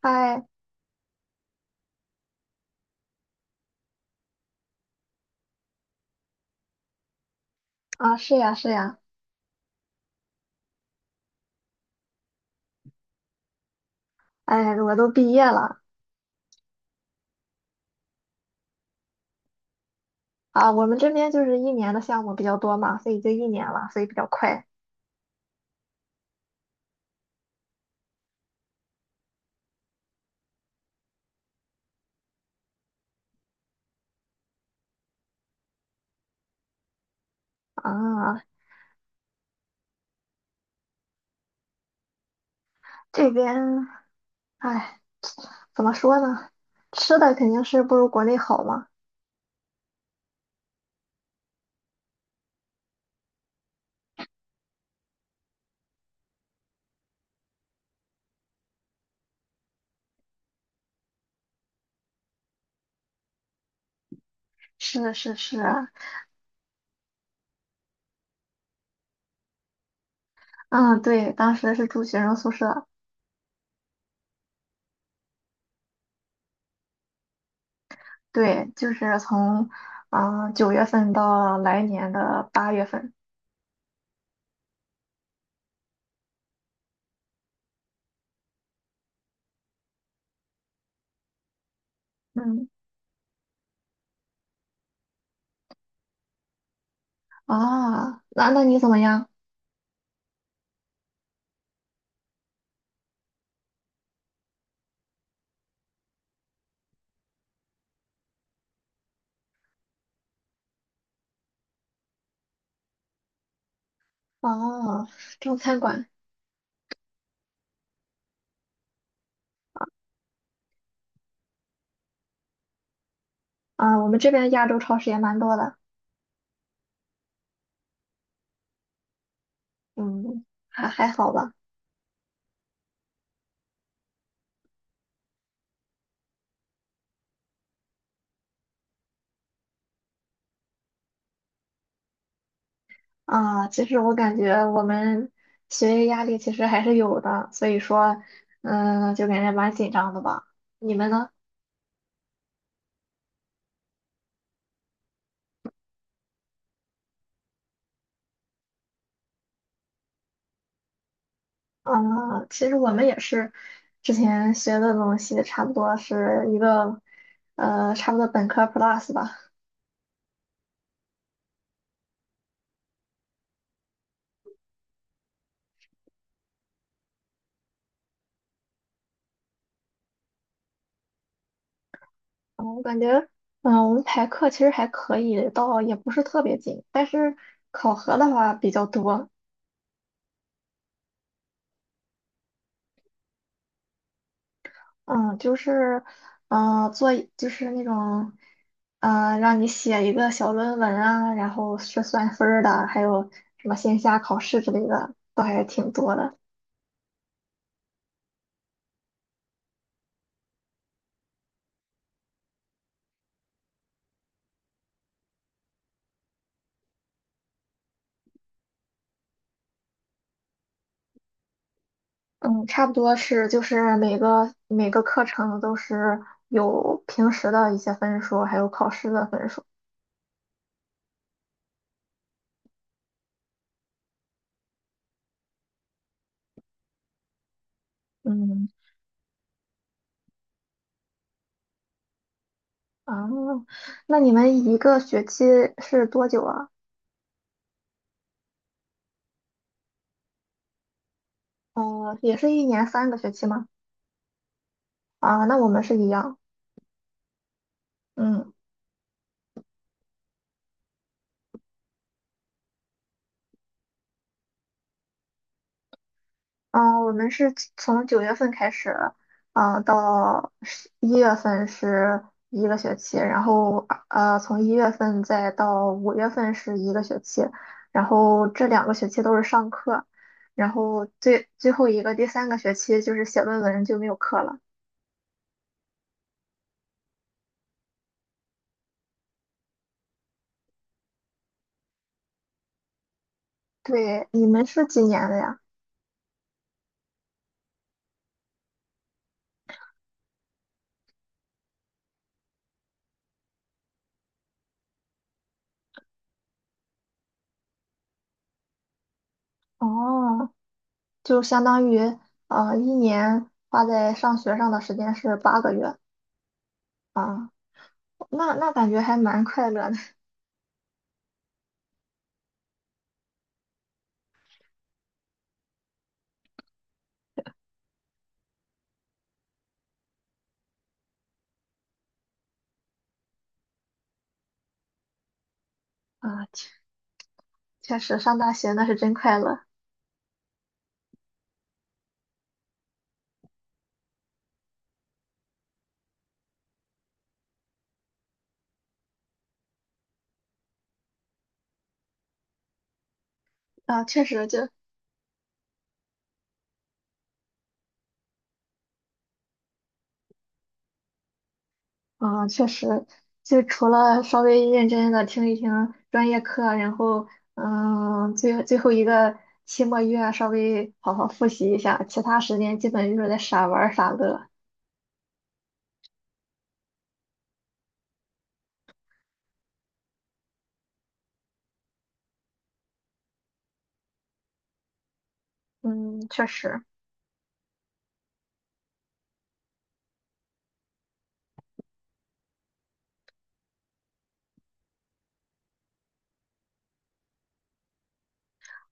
哎，啊，是呀，是呀，哎，我都毕业了啊。我们这边就是一年的项目比较多嘛，所以就一年了，所以比较快啊。这边，哎，怎么说呢？吃的肯定是不如国内好嘛。是是是。嗯，对，当时是住学生宿舍，对，就是从九月份到来年的8月份。嗯啊，那你怎么样？哦，中餐馆啊，我们这边亚洲超市也蛮多的。嗯，还好吧。啊，其实我感觉我们学业压力其实还是有的，所以说，嗯，就感觉蛮紧张的吧。你们呢？啊，其实我们也是，之前学的东西差不多是一个，差不多本科 plus 吧。嗯，我感觉，嗯，我们排课其实还可以，倒也不是特别紧，但是考核的话比较多。嗯，就是，嗯，就是那种，让你写一个小论文啊，然后是算分儿的，还有什么线下考试之类的，都还挺多的。嗯，差不多是就是每个课程都是有平时的一些分数，还有考试的分数。嗯。啊，那你们一个学期是多久啊？也是一年三个学期吗？啊，那我们是一样。嗯。嗯，我们是从九月份开始，啊，到11月份是一个学期，然后从一月份再到5月份是一个学期，然后这2个学期都是上课，然后最后一个第三个学期就是写论文，就没有课了。对，你们是几年的呀？哦，就相当于一年花在上学上的时间是8个月啊，那感觉还蛮快乐的啊。确实，上大学那是真快乐啊！确实就，啊，确实就除了稍微认真的听一听专业课，然后，嗯，最后一个期末月啊稍微好好复习一下，其他时间基本就是在傻玩儿傻乐。嗯，确实。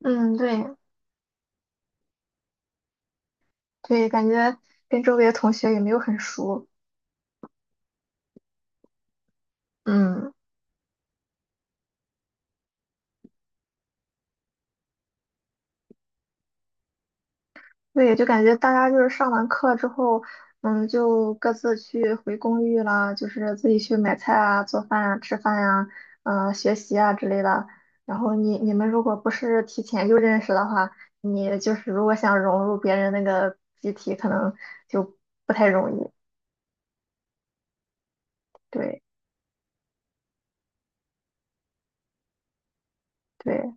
嗯，对对，感觉跟周围的同学也没有很熟。嗯。对，就感觉大家就是上完课之后，嗯，就各自去回公寓啦，就是自己去买菜啊、做饭啊、吃饭呀、嗯，学习啊之类的。然后你们如果不是提前就认识的话，你就是如果想融入别人那个集体，可能就不太容易。对对。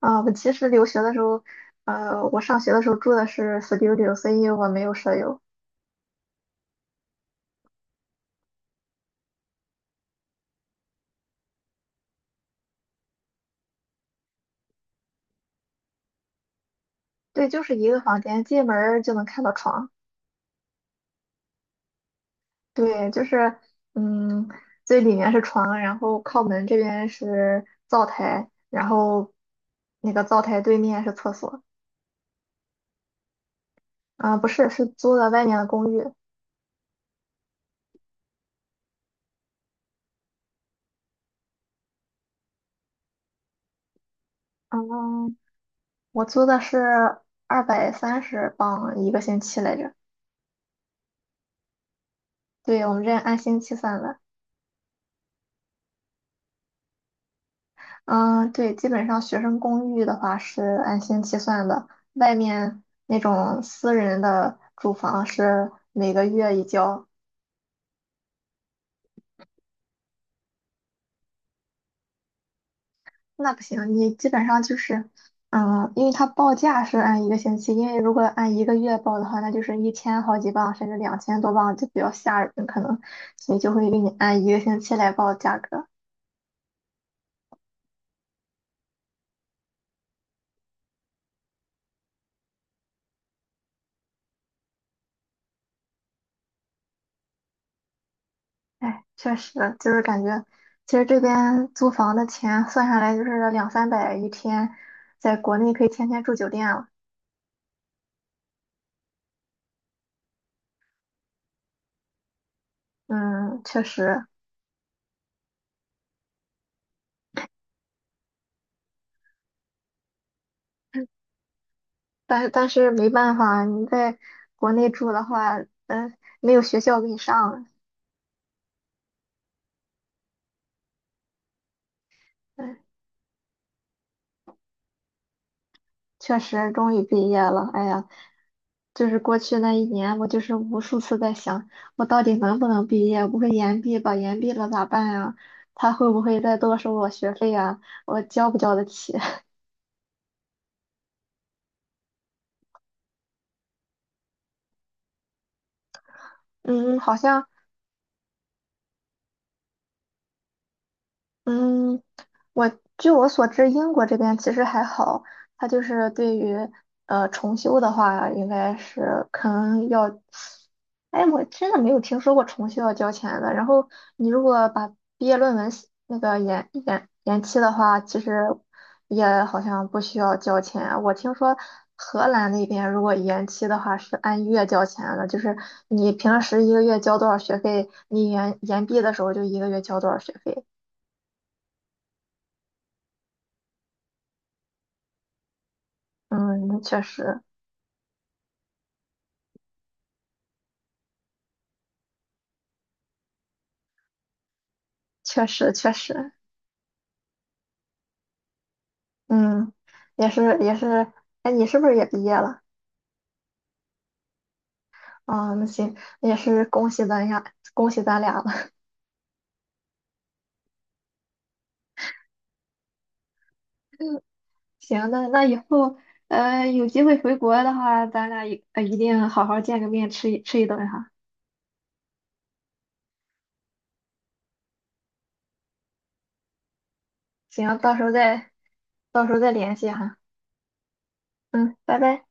啊，我其实留学的时候，我上学的时候住的是 studio,所以我没有舍友。对，就是一个房间，进门儿就能看到床。对，就是，嗯，最里面是床，然后靠门这边是灶台，然后那个灶台对面是厕所。啊，不是，是租的外面的公寓。嗯，我租的是230镑一个星期来着。对，我们这按星期算的。嗯，对，基本上学生公寓的话是按星期算的，外面那种私人的住房是每个月一交。那不行，你基本上就是，嗯，因为他报价是按一个星期，因为如果按一个月报的话，那就是一千好几磅，甚至两千多磅，就比较吓人，可能，所以就会给你按一个星期来报价格。哎，确实，就是感觉，其实这边租房的钱算下来就是两三百一天，在国内可以天天住酒店了。嗯，确实，但是没办法，你在国内住的话，嗯，没有学校给你上。哎，确实，终于毕业了。哎呀，就是过去那一年，我就是无数次在想，我到底能不能毕业？不会延毕吧？延毕了咋办呀？他会不会再多收我学费呀？我交不交得起？嗯，好像，嗯，我据我所知，英国这边其实还好，它就是对于重修的话，应该是可能要，哎，我真的没有听说过重修要交钱的。然后你如果把毕业论文写那个延期的话，其实也好像不需要交钱啊。我听说荷兰那边如果延期的话是按月交钱的，就是你平时一个月交多少学费，你延毕的时候就一个月交多少学费。嗯，那确实，确实，确实。嗯，也是，也是。哎，你是不是也毕业了？啊，那行，也是恭喜咱俩，恭喜咱俩了。行，那以后，有机会回国的话，咱俩一定好好见个面，吃一顿哈。行，到时候再联系哈。嗯，拜拜。